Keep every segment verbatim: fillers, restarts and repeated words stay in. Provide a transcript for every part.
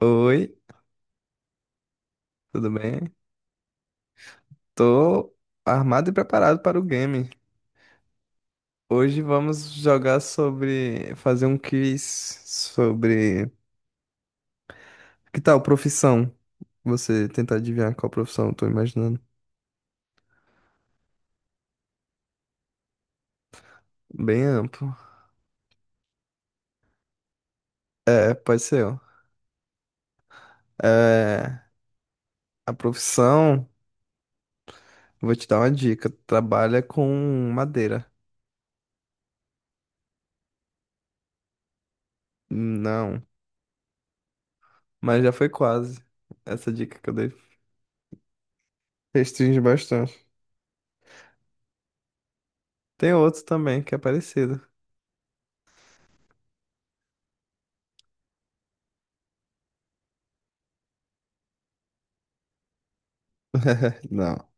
Oi, tudo bem? Tô armado e preparado para o game. Hoje vamos jogar sobre, fazer um quiz sobre que tal profissão? Você tentar adivinhar qual profissão eu tô imaginando. Bem amplo. É, pode ser, ó. É, a profissão, vou te dar uma dica, trabalha com madeira. Não, mas já foi quase. Essa dica que eu dei. Restringe bastante. Tem outro também que é parecido. Não.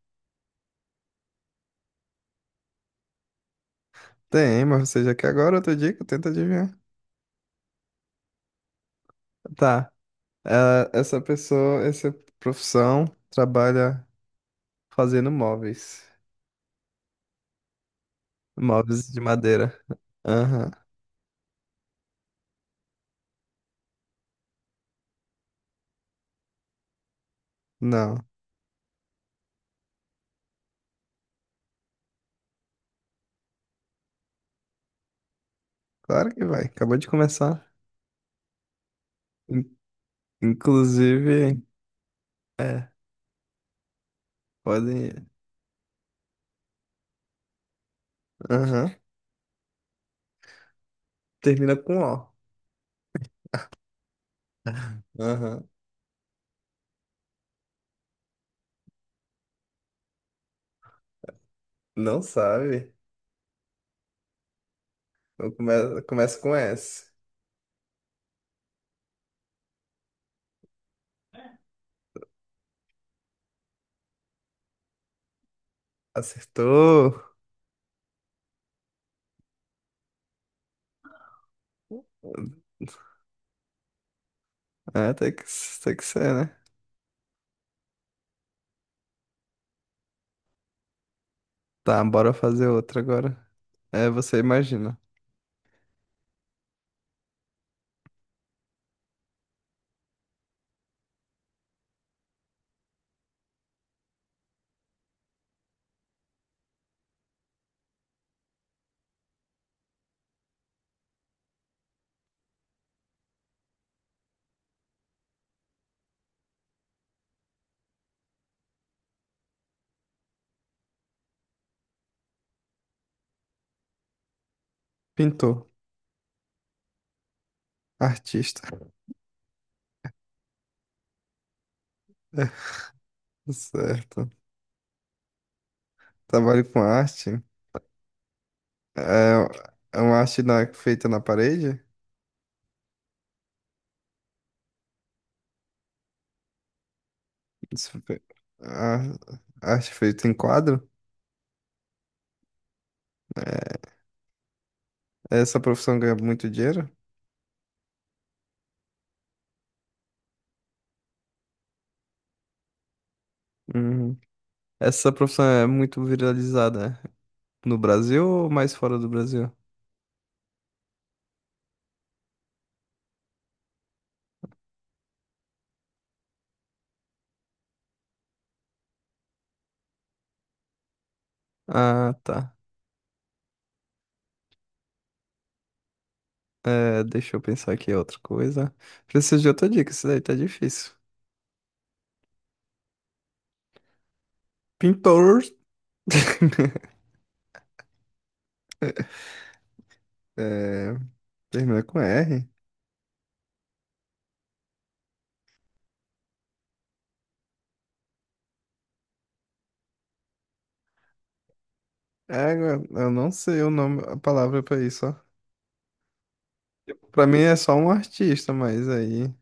Tem, mas você já quer agora outra dica? Tenta adivinhar. Tá. Ah, essa pessoa, essa profissão trabalha fazendo móveis. Móveis de madeira. Aham. Não. Claro que vai. Acabou de começar. In- Inclusive, é, podem ir. Aham. Termina com O. Aham. Não sabe. Então Começa, começa com S. Acertou. É, tem que, tem que ser, né? Tá, bora fazer outra agora. É, você imagina. Pintor. Artista. Certo. Trabalho com arte. É, é uma arte na- feita na parede? Isso fe- a- Arte feita em quadro? Essa profissão ganha muito dinheiro? Uhum. Essa profissão é muito viralizada, né? No Brasil ou mais fora do Brasil? Ah, tá. É, deixa eu pensar aqui outra coisa. Preciso de outra dica, isso daí tá difícil. Pintor. É, termina com R. Égua, eu não sei o nome, a palavra pra isso, ó. Pra mim é só um artista, mas aí.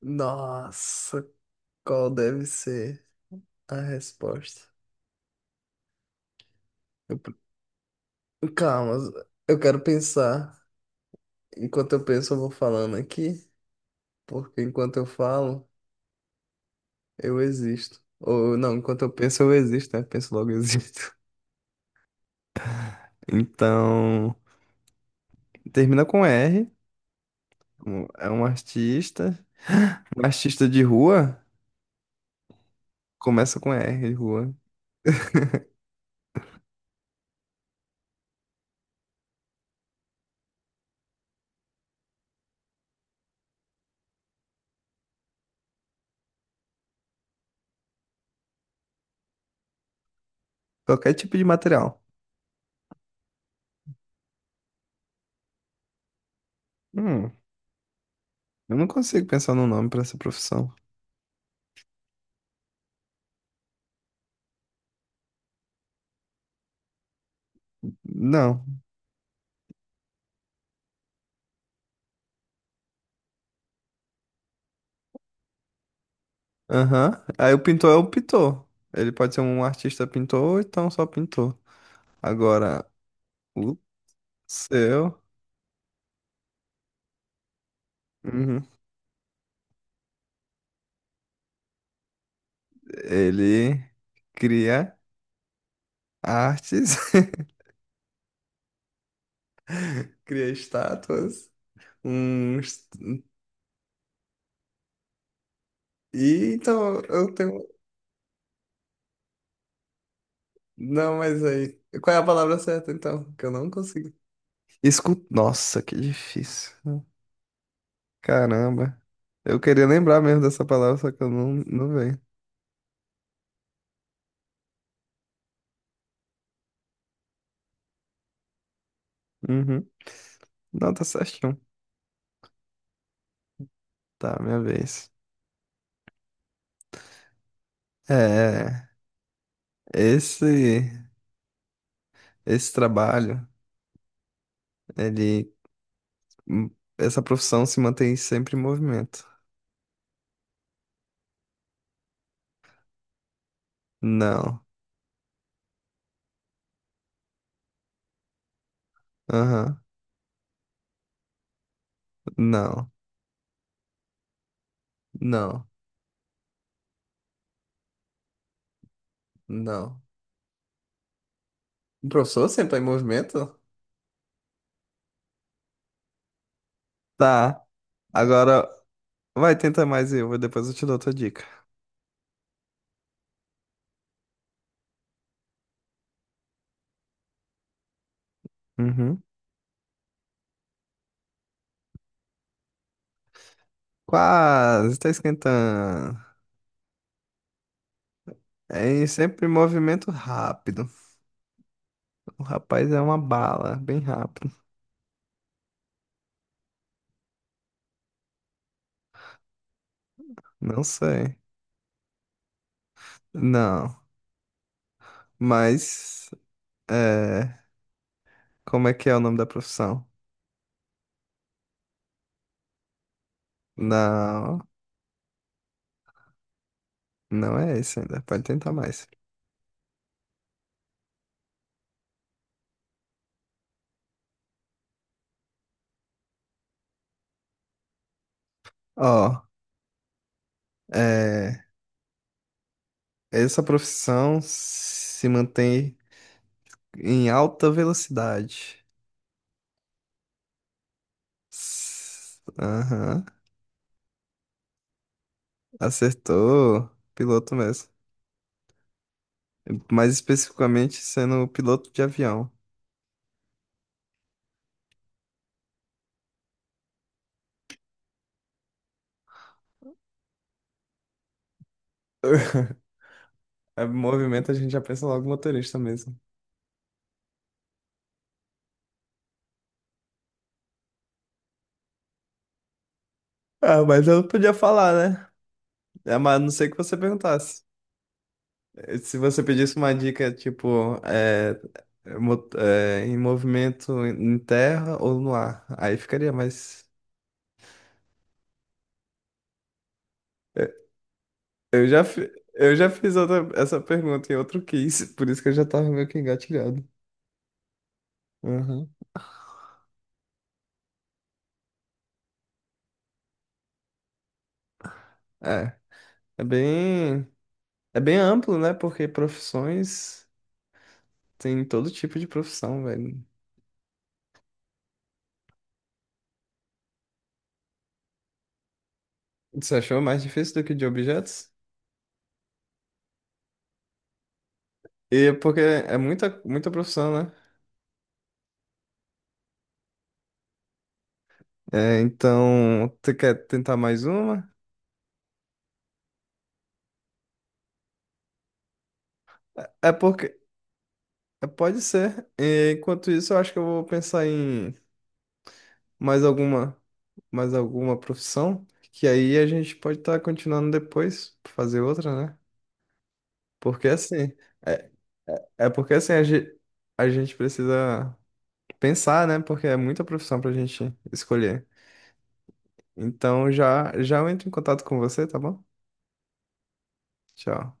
Nossa, qual deve ser a resposta? eu pre- Calma, eu quero pensar. Enquanto eu penso, eu vou falando aqui, porque enquanto eu falo, eu existo. Ou não, enquanto eu penso, eu existo, né? Penso logo, eu existo. Então. Termina com R. um- É um artista. Um artista de rua, começa com R, de rua. Qualquer tipo de material. Hum. Eu não consigo pensar num nome pra essa profissão. Não. Aham. Aí o pintor é o pintor. Ele pode ser um artista pintor ou então só pintor. Agora, o seu, uhum, ele cria artes, cria estátuas, uns... E então eu tenho. Não, mas aí. Qual é a palavra certa então? Que eu não consigo. Escu... Nossa, que difícil. Caramba. Eu queria lembrar mesmo dessa palavra, só que eu não, não vejo. Uhum. Não, tá certinho. Tá, minha vez. É, esse, esse trabalho, ele, hum, essa profissão se mantém sempre em movimento. Não, aham, não, não, não. O professor sempre tá em movimento? Tá, agora vai tentar mais eu, depois eu te dou outra dica. Uhum. Quase, tá esquentando. É em sempre em movimento rápido. O rapaz é uma bala, bem rápido. Não sei. Não, mas É, como é que é o nome da profissão? Não, não é esse ainda. Pode tentar mais. Ó, é, essa profissão se mantém em alta velocidade. S- Aham, acertou. Piloto mesmo. Mais especificamente sendo piloto de avião. É, movimento a gente já pensa logo motorista mesmo. Ah, mas eu não podia falar, né? É, mas a não sei que você perguntasse. Se você pedisse uma dica, tipo, é, é, mo- é, em movimento em terra ou no ar, aí ficaria mais. Eu já, fi- eu já fiz outra- essa pergunta em outro quiz, por isso que eu já tava meio que engatilhado. Uhum. É, é bem, é bem amplo, né? Porque profissões tem todo tipo de profissão, velho. Você achou mais difícil do que de objetos? E porque é muita, muita profissão, né? É, então, você quer tentar mais uma? É é porque É, Pode ser. E, enquanto isso, eu acho que eu vou pensar em mais alguma, mais alguma profissão, que aí a gente pode estar continuando depois, fazer outra, né? Porque assim, é, é porque assim a gente, a gente precisa pensar, né? Porque é muita profissão pra gente escolher. Então já já eu entro em contato com você, tá bom? Tchau.